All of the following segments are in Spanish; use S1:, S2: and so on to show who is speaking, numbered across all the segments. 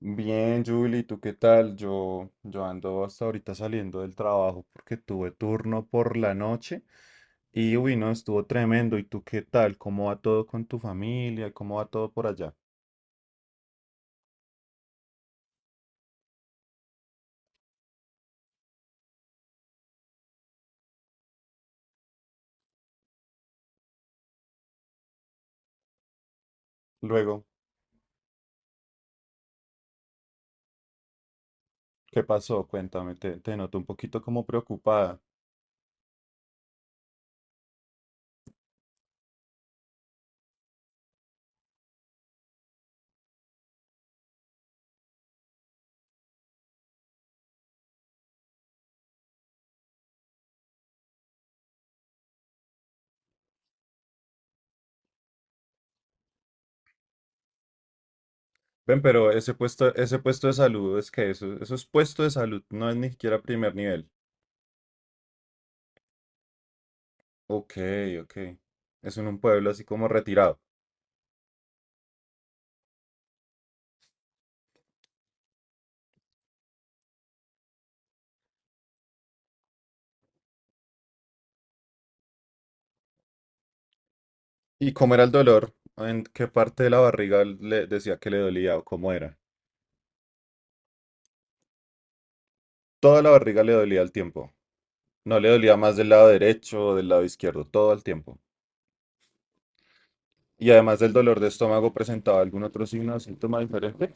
S1: Bien, Julie, ¿tú qué tal? Yo ando hasta ahorita saliendo del trabajo porque tuve turno por la noche y uy, no, estuvo tremendo. ¿Y tú qué tal? ¿Cómo va todo con tu familia? ¿Cómo va todo por allá? Luego, ¿qué pasó? Cuéntame, te noto un poquito como preocupada. Ven, pero ese puesto de salud es que eso es puesto de salud, no es ni siquiera primer nivel. Ok, ok. Es en un pueblo así como retirado. ¿Y cómo era el dolor? ¿En qué parte de la barriga le decía que le dolía o cómo era? Toda la barriga le dolía al tiempo. No le dolía más del lado derecho o del lado izquierdo, todo al tiempo. Y además del dolor de estómago, ¿presentaba algún otro signo o síntoma diferente?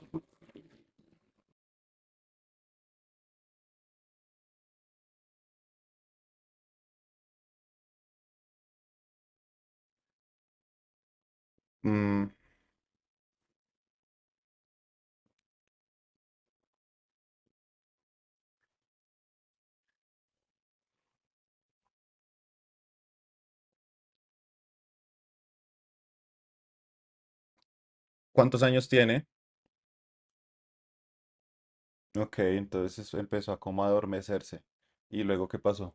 S1: Mm, ¿Cuántos años tiene? Ok, entonces empezó a como a adormecerse. ¿Y luego qué pasó?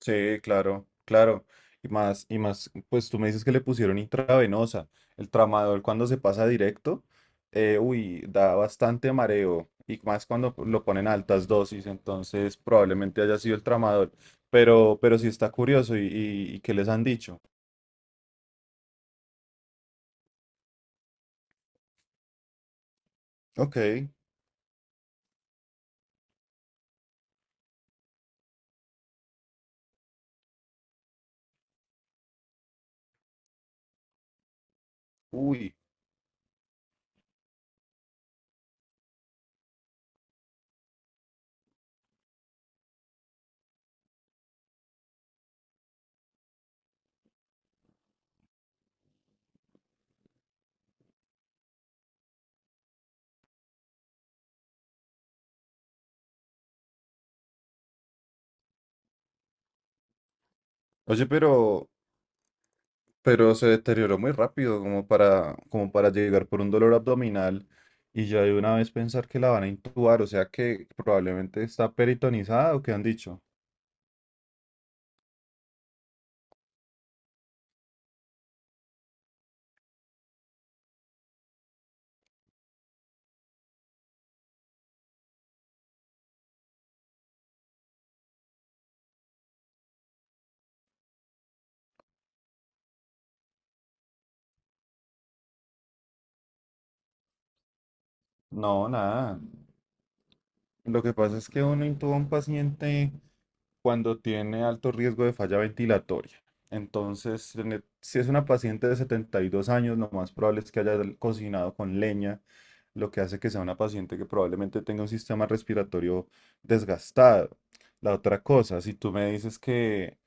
S1: Sí, claro, claro. Y más, pues tú me dices que le pusieron intravenosa. El tramador cuando se pasa directo, uy, da bastante mareo. Y más cuando lo ponen a altas dosis, entonces probablemente haya sido el tramador. Pero sí está curioso. ¿Y qué les han dicho? Ok, uy. Oye, pero se deterioró muy rápido, como para llegar por un dolor abdominal y ya de una vez pensar que la van a intubar, o sea que probablemente está peritonizada o que han dicho. No, nada. Lo que pasa es que uno intuba a un paciente cuando tiene alto riesgo de falla ventilatoria. Entonces, si es una paciente de 72 años, lo más probable es que haya cocinado con leña, lo que hace que sea una paciente que probablemente tenga un sistema respiratorio desgastado. La otra cosa, si tú me dices que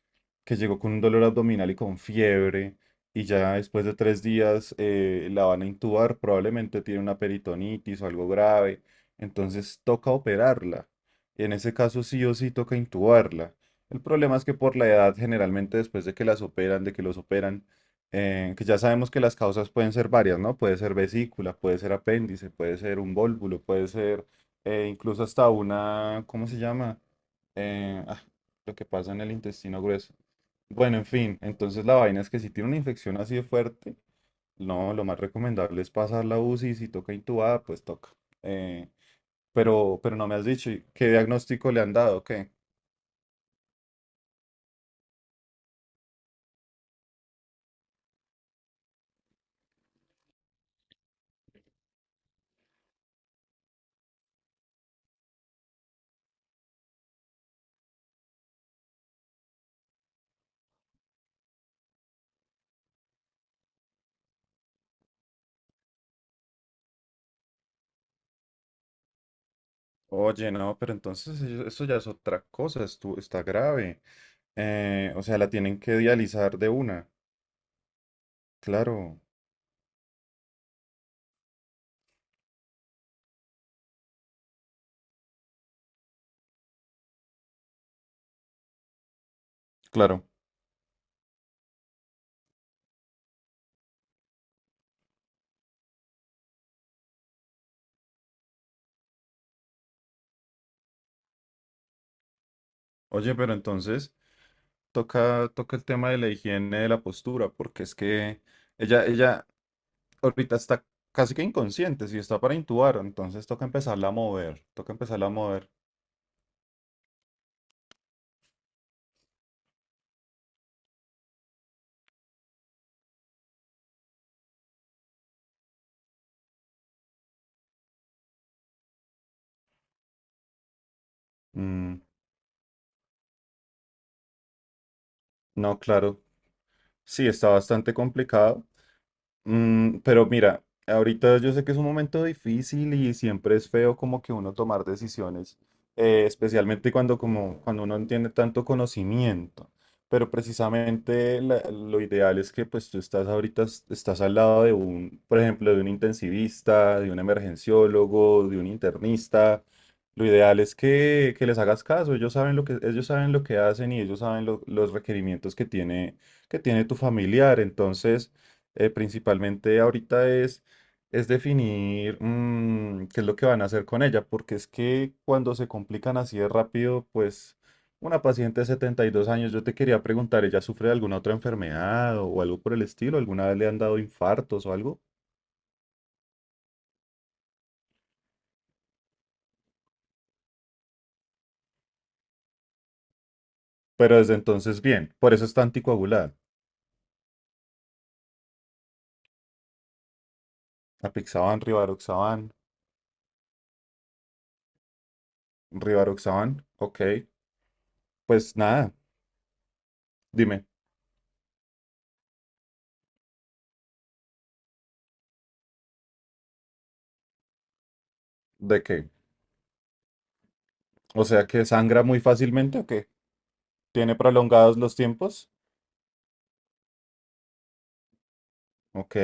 S1: que llegó con un dolor abdominal y con fiebre, y ya después de 3 días la van a intubar, probablemente tiene una peritonitis o algo grave, entonces toca operarla. En ese caso sí o sí toca intubarla. El problema es que por la edad, generalmente después de que las operan, de que los operan. Que ya sabemos que las causas pueden ser varias, ¿no? Puede ser vesícula, puede ser apéndice, puede ser un vólvulo, puede ser incluso hasta una, ¿cómo se llama? Eh, ah, lo que pasa en el intestino grueso. Bueno, en fin, entonces la vaina es que si tiene una infección así de fuerte, no, lo más recomendable es pasar la UCI y si toca intubada, pues toca. Eh, pero no me has dicho, ¿y qué diagnóstico le han dado? ¿Qué? Oye, no, pero entonces eso ya es otra cosa, esto está grave. O sea, la tienen que dializar de una. Claro, claro. Oye, pero entonces toca el tema de la higiene de la postura, porque es que ella ahorita está casi que inconsciente, si está para intubar, entonces toca empezarla a mover, toca empezarla a mover. Mm, no, claro, sí, está bastante complicado. Pero mira, ahorita yo sé que es un momento difícil y siempre es feo como que uno tomar decisiones, especialmente cuando, como, cuando uno no tiene tanto conocimiento. Pero precisamente lo ideal es que pues tú estás ahorita, estás al lado de un, por ejemplo, de un intensivista, de un emergenciólogo, de un internista. Lo ideal es que les hagas caso, ellos saben lo que hacen y ellos saben los requerimientos que tiene tu familiar. Entonces, principalmente ahorita es definir qué es lo que van a hacer con ella, porque es que cuando se complican así de rápido, pues una paciente de 72 años, yo te quería preguntar, ¿ella sufre de alguna otra enfermedad o algo por el estilo? ¿Alguna vez le han dado infartos o algo? Pero desde entonces, bien, por eso está anticoagulada. Apixaban, rivaroxaban, rivaroxaban, ok. Pues nada, dime, ¿de qué? ¿O sea que sangra muy fácilmente o qué? ¿Tiene prolongados los tiempos? Ok,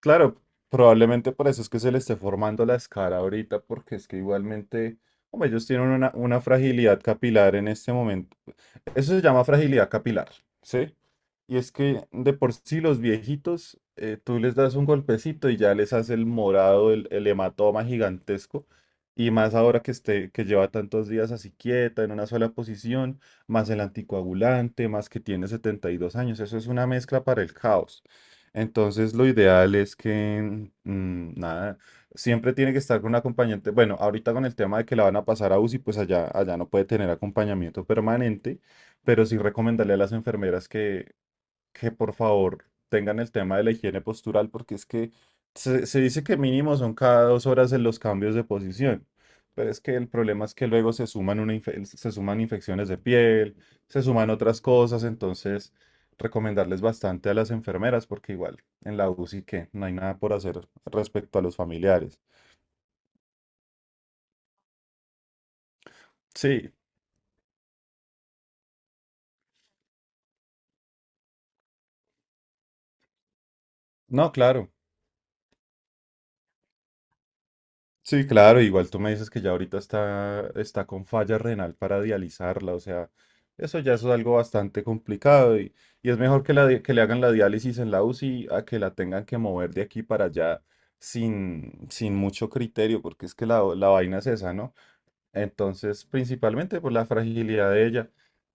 S1: claro, probablemente por eso es que se le esté formando la escara ahorita, porque es que igualmente, como ellos tienen una fragilidad capilar en este momento. Eso se llama fragilidad capilar, ¿sí? Y es que de por sí los viejitos, tú les das un golpecito y ya les hace el morado, el hematoma gigantesco. Y más ahora que, esté, que lleva tantos días así quieta, en una sola posición, más el anticoagulante, más que tiene 72 años. Eso es una mezcla para el caos. Entonces, lo ideal es que, nada, siempre tiene que estar con un acompañante. Bueno, ahorita con el tema de que la van a pasar a UCI, pues allá no puede tener acompañamiento permanente, pero sí recomendarle a las enfermeras que por favor tengan el tema de la higiene postural, porque es que se dice que mínimo son cada 2 horas en los cambios de posición, pero es que el problema es que luego se suman, se suman infecciones de piel, se suman otras cosas, entonces recomendarles bastante a las enfermeras, porque igual en la UCI que no hay nada por hacer respecto a los familiares. Sí, no, claro. Sí, claro, igual tú me dices que ya ahorita está con falla renal para dializarla, o sea, eso ya es algo bastante complicado y es mejor que le hagan la diálisis en la UCI a que la tengan que mover de aquí para allá sin mucho criterio, porque es que la vaina es esa, ¿no? Entonces, principalmente por la fragilidad de ella,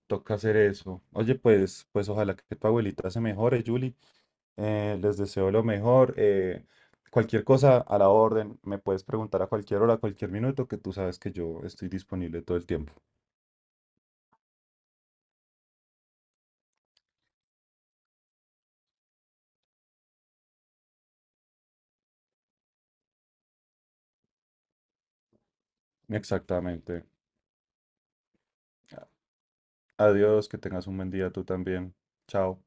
S1: toca hacer eso. Oye, pues ojalá que tu abuelita se mejore, Julie. Les deseo lo mejor. Cualquier cosa a la orden, me puedes preguntar a cualquier hora, a cualquier minuto, que tú sabes que yo estoy disponible todo el tiempo. Exactamente. Adiós, que tengas un buen día tú también. Chao.